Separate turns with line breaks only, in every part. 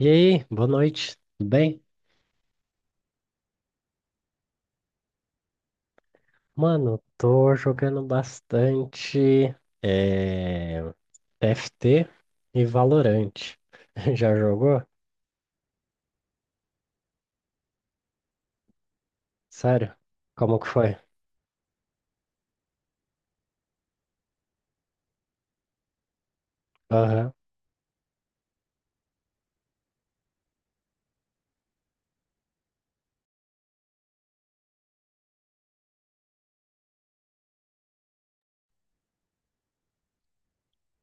E aí, boa noite, tudo bem? Mano, tô jogando bastante eh, TFT e Valorant. Já jogou? Sério? Como que foi? Aham,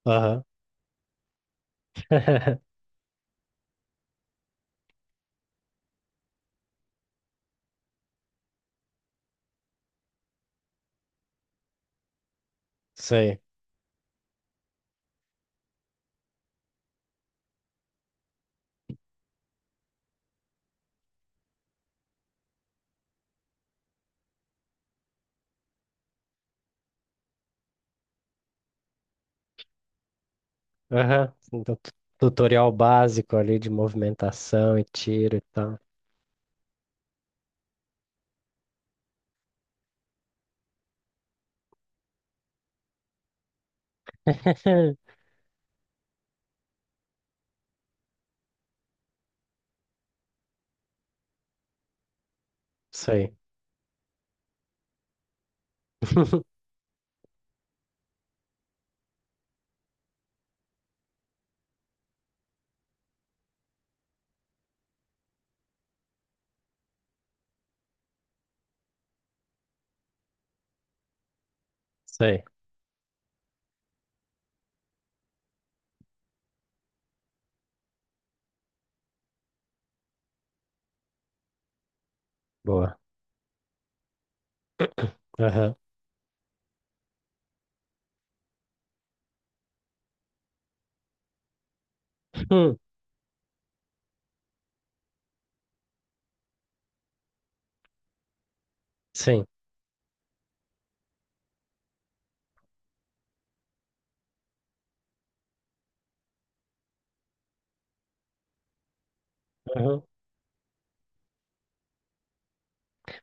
aham. Sei. Aham. Tu- Tutorial básico ali de movimentação e tiro e tal. Sei. Sei. Boa. Aham. Hum. Sim. Aham.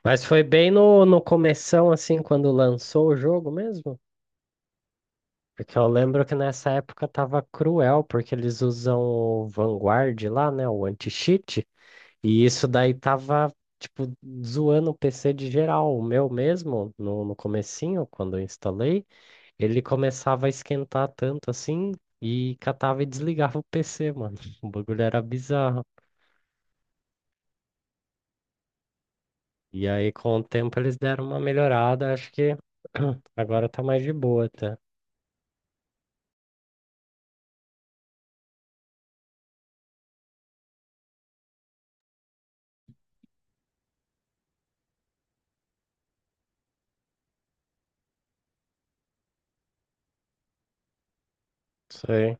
Mas foi bem no começão, assim, quando lançou o jogo mesmo? Porque eu lembro que nessa época tava cruel, porque eles usam o Vanguard lá, né? O anti-cheat. E isso daí tava, tipo, zoando o PC de geral. O meu mesmo, no comecinho, quando eu instalei, ele começava a esquentar tanto assim e catava e desligava o PC, mano. O bagulho era bizarro. E aí, com o tempo, eles deram uma melhorada. Acho que agora tá mais de boa, tá? Sei.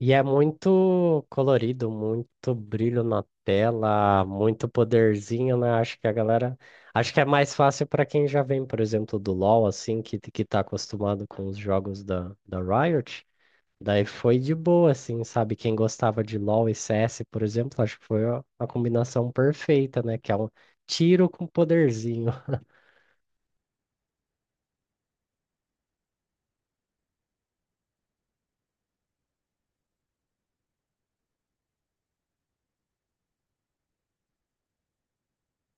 E é muito colorido, muito brilho na tela, muito poderzinho, né? Acho que a galera. Acho que é mais fácil para quem já vem, por exemplo, do LoL, assim, que tá acostumado com os jogos da Riot. Daí foi de boa, assim, sabe? Quem gostava de LoL e CS, por exemplo, acho que foi a combinação perfeita, né? Que é um tiro com poderzinho.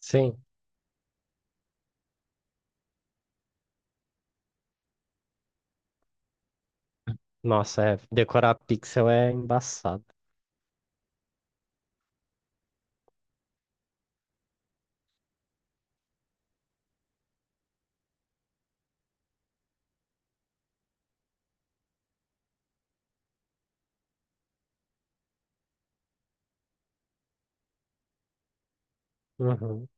Sim. Nossa, é. Decorar pixel é embaçado. Uhum.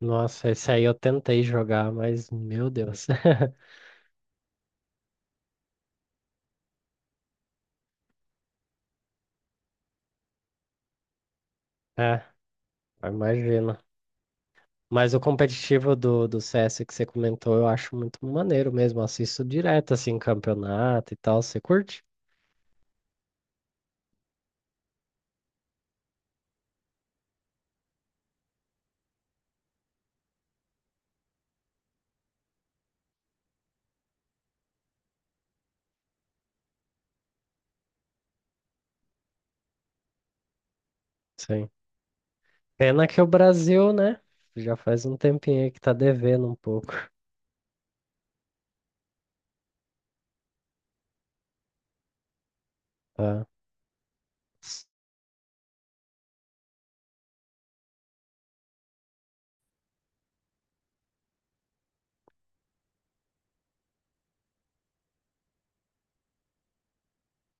Nossa, esse aí eu tentei jogar, mas meu Deus. É, eu imagino. Mas o competitivo do CS que você comentou, eu acho muito maneiro mesmo. Assisto direto, assim, campeonato e tal. Você curte? Sim. Pena que o Brasil, né? Já faz um tempinho aí que tá devendo um pouco. Tá. S-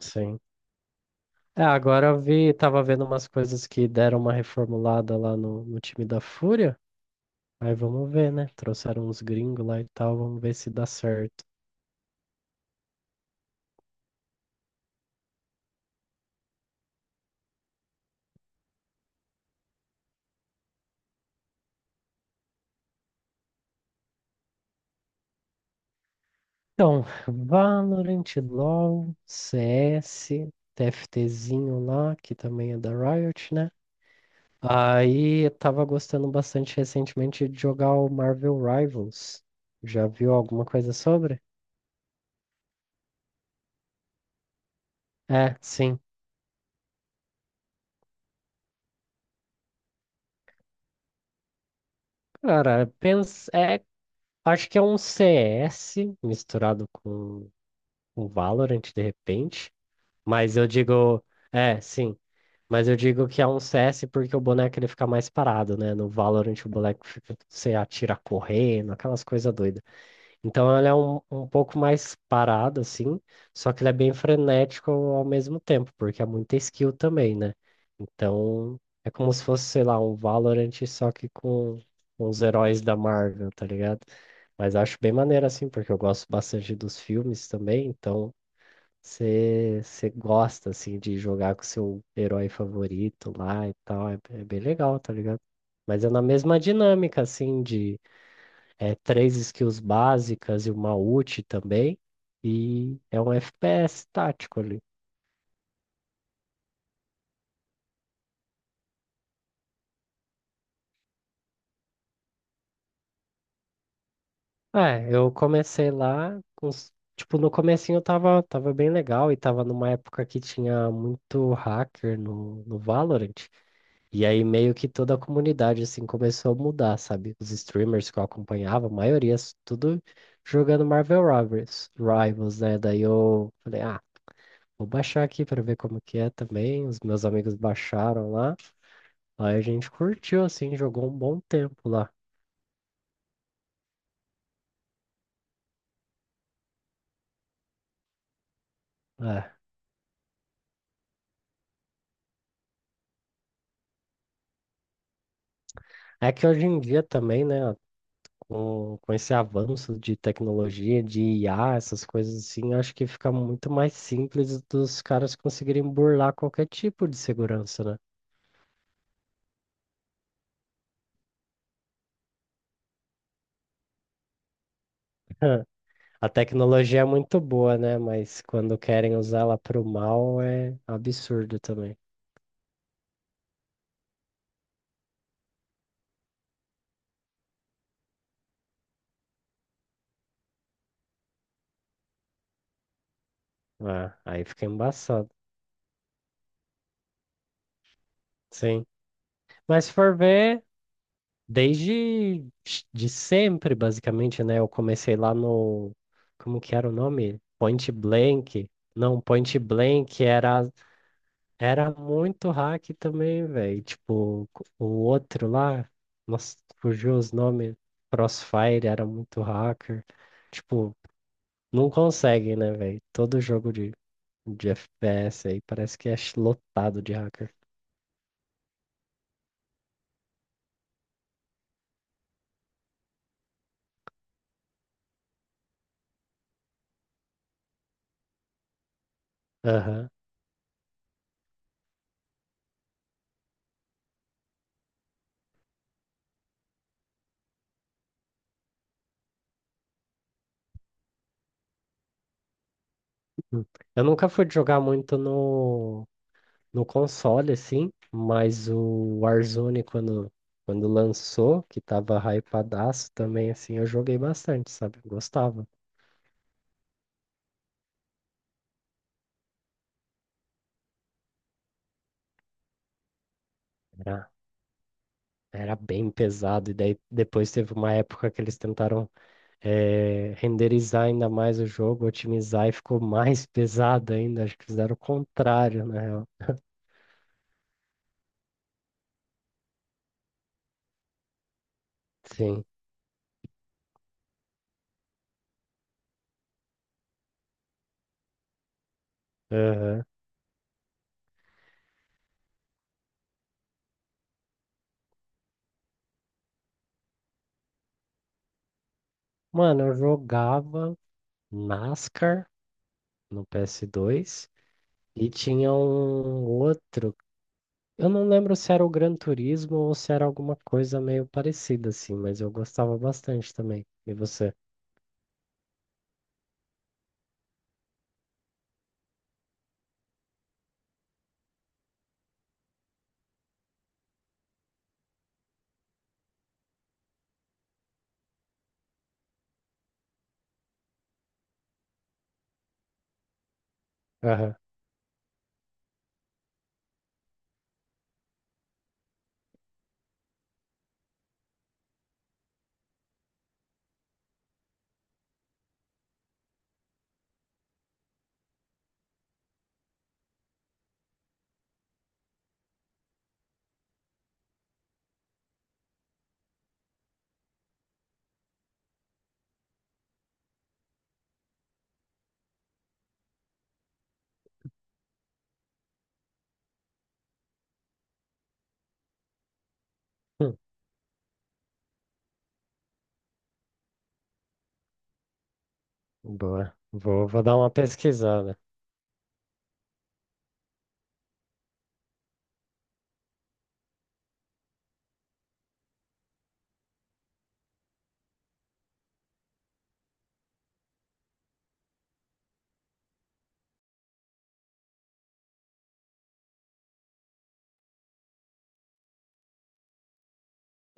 Sim. É, agora eu vi, tava vendo umas coisas que deram uma reformulada lá no time da Fúria. Aí vamos ver, né? Trouxeram uns gringos lá e tal, vamos ver se dá certo. Então, Valorant, LoL, CS, TFTzinho lá, que também é da Riot, né? Aí eu tava gostando bastante recentemente de jogar o Marvel Rivals. Já viu alguma coisa sobre? É, sim. Cara, pensa, acho que é um CS misturado com o Valorant de repente, mas eu digo, é, sim. Mas eu digo que é um CS porque o boneco ele fica mais parado, né? No Valorant o boneco fica, você atira correndo, aquelas coisas doidas. Então ele é um pouco mais parado, assim, só que ele é bem frenético ao mesmo tempo, porque é muita skill também, né? Então é como se fosse, sei lá, um Valorant só que com os heróis da Marvel, tá ligado? Mas acho bem maneiro, assim, porque eu gosto bastante dos filmes também, então você gosta, assim, de jogar com seu herói favorito lá e tal. É, é bem legal, tá ligado? Mas é na mesma dinâmica, assim, de três skills básicas e uma ult também. E é um FPS tático ali. É, eu comecei lá com... Tipo, no comecinho eu tava bem legal e tava numa época que tinha muito hacker no Valorant. E aí meio que toda a comunidade assim começou a mudar, sabe? Os streamers que eu acompanhava, a maioria tudo jogando Marvel Rivals, Rivals, né? Daí eu falei, ah, vou baixar aqui pra ver como que é também. Os meus amigos baixaram lá. Aí a gente curtiu assim, jogou um bom tempo lá. É, é que hoje em dia também, né, com esse avanço de tecnologia, de IA, essas coisas assim, acho que fica muito mais simples dos caras conseguirem burlar qualquer tipo de segurança, né? A tecnologia é muito boa, né? Mas quando querem usá-la para o mal é absurdo também. Ah, aí fica embaçado. Sim. Mas se for ver, desde de sempre, basicamente, né? Eu comecei lá no. Como que era o nome? Point Blank. Não, Point Blank era, era muito hack também, velho. Tipo, o outro lá, nossa, fugiu os nomes. Crossfire era muito hacker. Tipo, não conseguem, né, velho? Todo jogo de FPS aí parece que é lotado de hacker. Aham. Hum. Eu nunca fui jogar muito no console, assim, mas o Warzone, quando lançou, que tava hypadaço também, assim, eu joguei bastante, sabe? Gostava. Era, era bem pesado, e daí depois teve uma época que eles tentaram renderizar ainda mais o jogo, otimizar, e ficou mais pesado ainda. Acho que fizeram o contrário, né? Sim. Aham. Mano, eu jogava NASCAR no PS2 e tinha um outro. Eu não lembro se era o Gran Turismo ou se era alguma coisa meio parecida assim, mas eu gostava bastante também. E você? Aham. Hum. Boa. Vou dar uma pesquisada.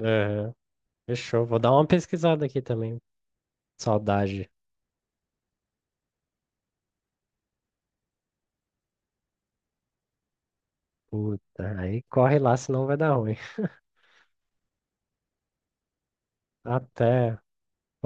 Aham. Fechou. Vou dar uma pesquisada aqui também. Saudade. Puta, aí corre lá, senão vai dar ruim. Até.